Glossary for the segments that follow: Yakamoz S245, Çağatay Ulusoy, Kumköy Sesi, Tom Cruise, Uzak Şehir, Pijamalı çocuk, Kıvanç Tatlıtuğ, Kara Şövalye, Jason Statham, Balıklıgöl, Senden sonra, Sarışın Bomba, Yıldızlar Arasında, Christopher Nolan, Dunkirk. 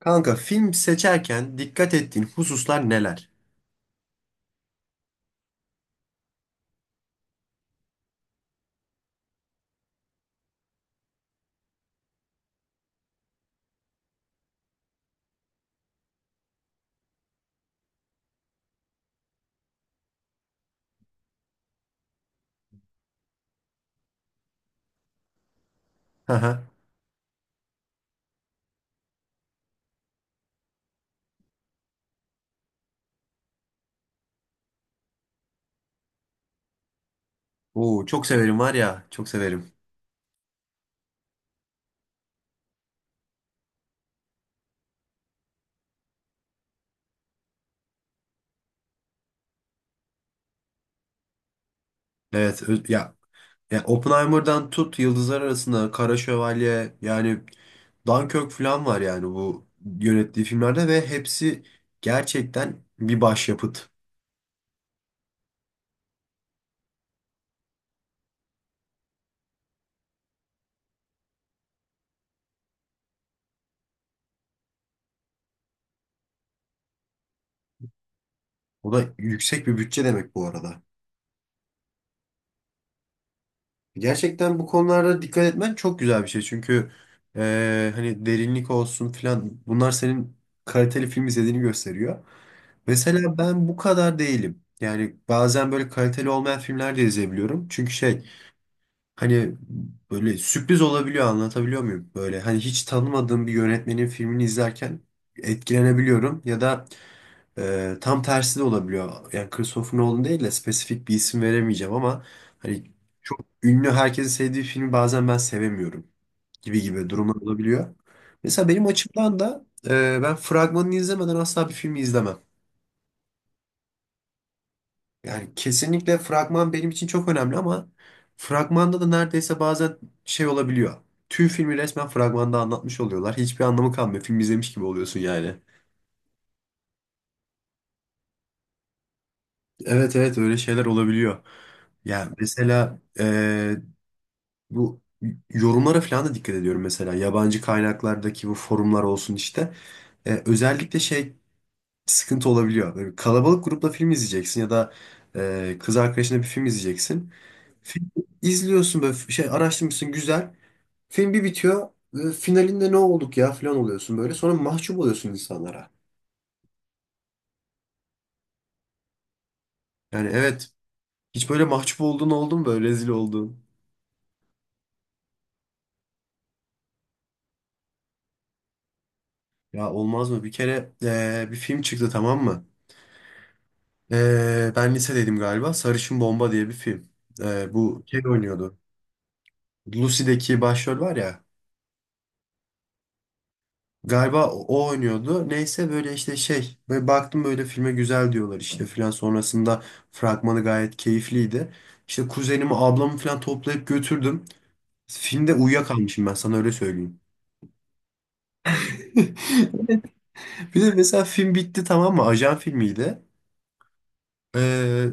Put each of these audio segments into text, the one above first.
Kanka film seçerken dikkat ettiğin hususlar neler? Haha. Oo çok severim var ya, çok severim. Evet ya Oppenheimer'dan tut Yıldızlar Arasında, Kara Şövalye yani Dunkirk falan var yani bu yönettiği filmlerde ve hepsi gerçekten bir başyapıt. O da yüksek bir bütçe demek bu arada. Gerçekten bu konularda dikkat etmen çok güzel bir şey. Çünkü hani derinlik olsun filan bunlar senin kaliteli film izlediğini gösteriyor. Mesela ben bu kadar değilim. Yani bazen böyle kaliteli olmayan filmler de izleyebiliyorum. Çünkü şey hani böyle sürpriz olabiliyor anlatabiliyor muyum? Böyle hani hiç tanımadığım bir yönetmenin filmini izlerken etkilenebiliyorum. Ya da tam tersi de olabiliyor. Yani Christopher Nolan değil de spesifik bir isim veremeyeceğim ama hani çok ünlü herkesin sevdiği filmi bazen ben sevemiyorum gibi gibi durumlar olabiliyor. Mesela benim açımdan da ben fragmanını izlemeden asla bir filmi izlemem. Yani kesinlikle fragman benim için çok önemli ama fragmanda da neredeyse bazen şey olabiliyor. Tüm filmi resmen fragmanda anlatmış oluyorlar. Hiçbir anlamı kalmıyor. Film izlemiş gibi oluyorsun yani. Evet evet öyle şeyler olabiliyor. Yani mesela bu yorumlara falan da dikkat ediyorum mesela. Yabancı kaynaklardaki bu forumlar olsun işte. Özellikle şey sıkıntı olabiliyor. Böyle kalabalık grupla film izleyeceksin ya da kız arkadaşına bir film izleyeceksin. Film izliyorsun böyle şey araştırmışsın güzel. Film bir bitiyor. Finalinde ne olduk ya falan oluyorsun böyle. Sonra mahcup oluyorsun insanlara. Yani evet. Hiç böyle mahcup olduğun oldu mu böyle rezil olduğun? Ya olmaz mı? Bir kere bir film çıktı tamam mı? Ben lisedeydim galiba. Sarışın Bomba diye bir film. Bu şey oynuyordu. Lucy'deki başrol var ya. Galiba o oynuyordu. Neyse böyle işte şey. Böyle baktım böyle filme güzel diyorlar işte filan. Sonrasında fragmanı gayet keyifliydi. İşte kuzenimi ablamı filan toplayıp götürdüm. Filmde uyuyakalmışım ben sana öyle söyleyeyim. Bir de mesela film bitti tamam mı? Ajan filmiydi. Ee,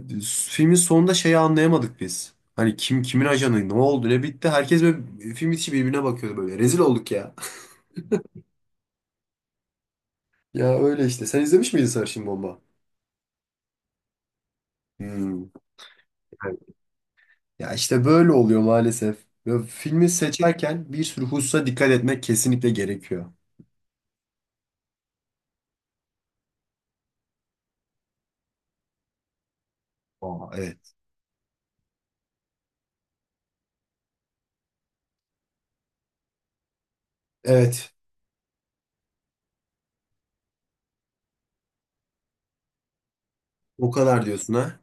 filmin sonunda şeyi anlayamadık biz. Hani kim kimin ajanı ne oldu ne bitti. Herkes böyle film içi birbirine bakıyordu böyle. Rezil olduk ya. Ya öyle işte. Sen izlemiş miydin Sarışın Bomba? Hmm. Evet. Ya işte böyle oluyor maalesef. Ya filmi seçerken bir sürü hususa dikkat etmek kesinlikle gerekiyor. Aa, evet. Evet. O kadar diyorsun ha.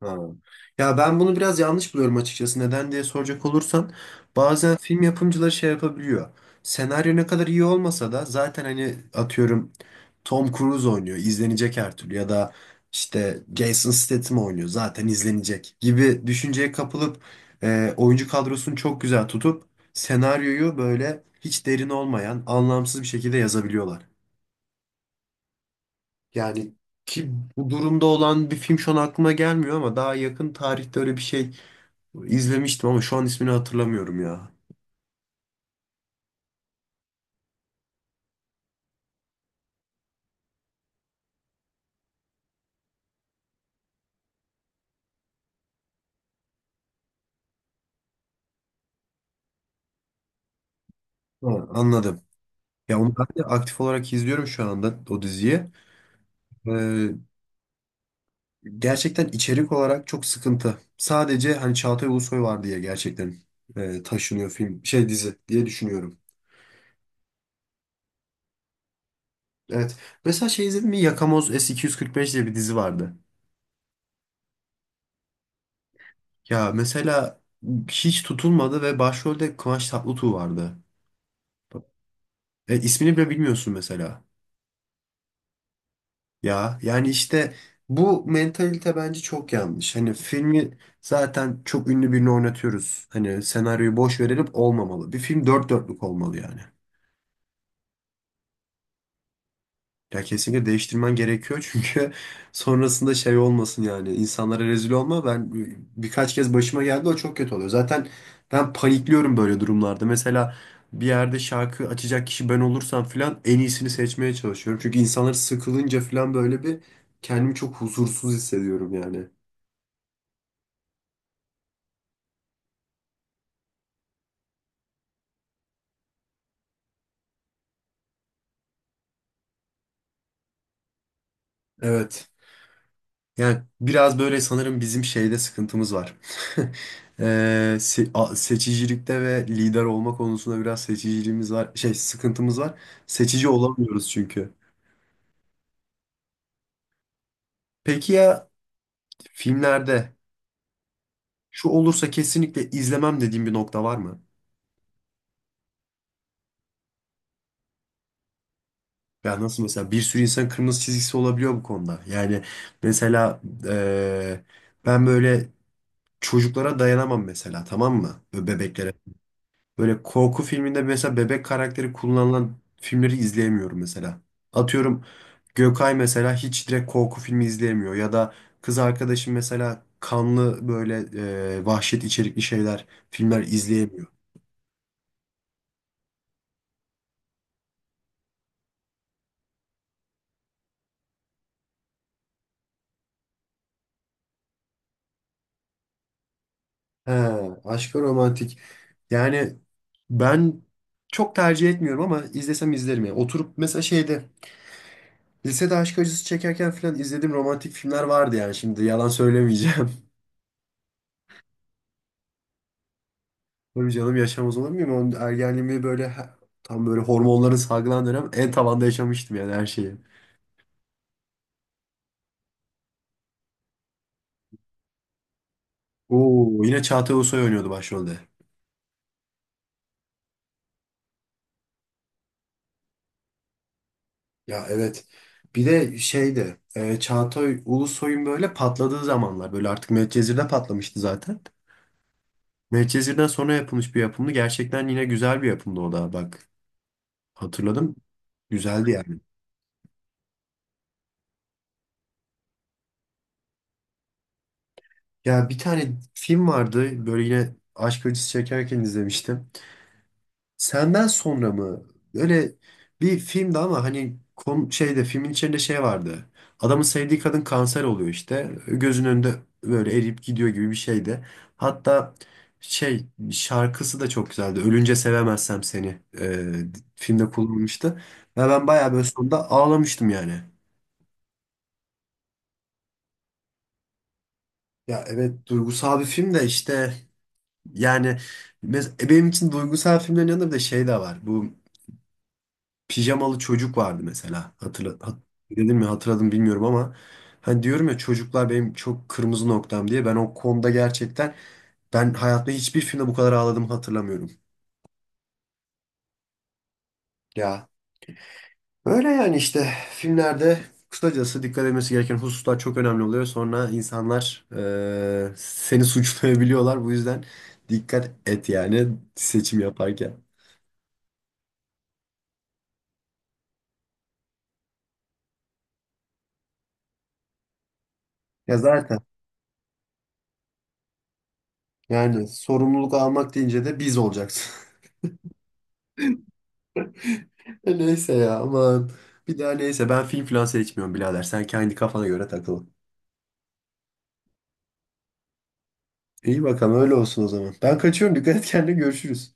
Ha. Ya ben bunu biraz yanlış buluyorum açıkçası. Neden diye soracak olursan bazen film yapımcıları şey yapabiliyor. Senaryo ne kadar iyi olmasa da zaten hani atıyorum Tom Cruise oynuyor izlenecek her türlü ya da işte Jason Statham oynuyor zaten izlenecek gibi düşünceye kapılıp oyuncu kadrosunu çok güzel tutup senaryoyu böyle hiç derin olmayan anlamsız bir şekilde yazabiliyorlar. Yani ki bu durumda olan bir film şu an aklıma gelmiyor ama daha yakın tarihte öyle bir şey İzlemiştim ama şu an ismini hatırlamıyorum ya. Ha, anladım. Ya onu ben de aktif olarak izliyorum şu anda o diziyi. Ee, gerçekten içerik olarak çok sıkıntı. Sadece hani Çağatay Ulusoy var diye gerçekten taşınıyor film şey dizi diye düşünüyorum. Evet. Mesela şey izledim mi? Yakamoz S245 diye bir dizi vardı. Ya mesela hiç tutulmadı ve başrolde Kıvanç Tatlıtuğ vardı. İsmini bile bilmiyorsun mesela. Ya yani işte bu mentalite bence çok yanlış. Hani filmi zaten çok ünlü birini oynatıyoruz. Hani senaryoyu boş verelim olmamalı. Bir film dört dörtlük olmalı yani. Ya kesinlikle değiştirmen gerekiyor çünkü sonrasında şey olmasın yani insanlara rezil olma. Ben birkaç kez başıma geldi o çok kötü oluyor. Zaten ben panikliyorum böyle durumlarda. Mesela bir yerde şarkı açacak kişi ben olursam filan en iyisini seçmeye çalışıyorum. Çünkü insanlar sıkılınca filan böyle bir kendimi çok huzursuz hissediyorum yani. Evet. Yani biraz böyle sanırım bizim şeyde sıkıntımız var. Seçicilikte ve lider olma konusunda biraz seçiciliğimiz var. Şey sıkıntımız var. Seçici olamıyoruz çünkü. Peki ya filmlerde şu olursa kesinlikle izlemem dediğim bir nokta var mı? Ya nasıl mesela bir sürü insan kırmızı çizgisi olabiliyor bu konuda. Yani mesela ee, ben böyle çocuklara dayanamam mesela tamam mı? Böyle bebeklere böyle korku filminde mesela bebek karakteri kullanılan filmleri izleyemiyorum mesela. Atıyorum Gökay mesela hiç direkt korku filmi izleyemiyor ya da kız arkadaşım mesela kanlı böyle vahşet içerikli şeyler, filmler izleyemiyor. He, aşkı romantik. Yani ben çok tercih etmiyorum ama izlesem izlerim yani. Oturup mesela şeyde lisede aşk acısı çekerken falan izlediğim romantik filmler vardı yani şimdi yalan söylemeyeceğim. Tabii canım yaşamaz olur muyum? Onun ergenliğimi böyle tam böyle hormonların salgılan dönem en tavanda yaşamıştım yani her şeyi. Oo, yine Çağatay Ulusoy oynuyordu başrolde. Ya evet. Bir de şeydi Çağatay Ulusoy'un böyle patladığı zamanlar böyle artık Medcezir'de patlamıştı zaten. Medcezir'den sonra yapılmış bir yapımdı. Gerçekten yine güzel bir yapımdı o da bak. Hatırladım. Güzeldi yani. Ya bir tane film vardı böyle yine aşk acısı çekerken izlemiştim. Senden sonra mı? Böyle bir filmdi ama hani kom şeyde filmin içinde şey vardı. Adamın sevdiği kadın kanser oluyor işte. Gözünün önünde böyle eriyip gidiyor gibi bir şeydi. Hatta şey şarkısı da çok güzeldi. Ölünce sevemezsem seni filmde kullanılmıştı. Ve ben bayağı böyle sonunda ağlamıştım yani. Ya evet duygusal bir film de işte yani benim için duygusal filmlerin yanında bir de şey de var. Bu Pijamalı Çocuk vardı mesela. Dedim mi hatırladım bilmiyorum ama hani diyorum ya çocuklar benim çok kırmızı noktam diye ben o konuda gerçekten ben hayatımda hiçbir filmde bu kadar ağladığımı hatırlamıyorum. Ya öyle yani işte filmlerde kısacası dikkat edilmesi gereken hususlar çok önemli oluyor. Sonra insanlar seni suçlayabiliyorlar. Bu yüzden dikkat et yani seçim yaparken. Ya zaten yani sorumluluk almak deyince de biz olacaksın. E neyse ya aman. Bir daha neyse ben film falan seçmiyorum birader. Sen kendi kafana göre takıl. İyi bakalım öyle olsun o zaman. Ben kaçıyorum. Dikkat et kendine görüşürüz.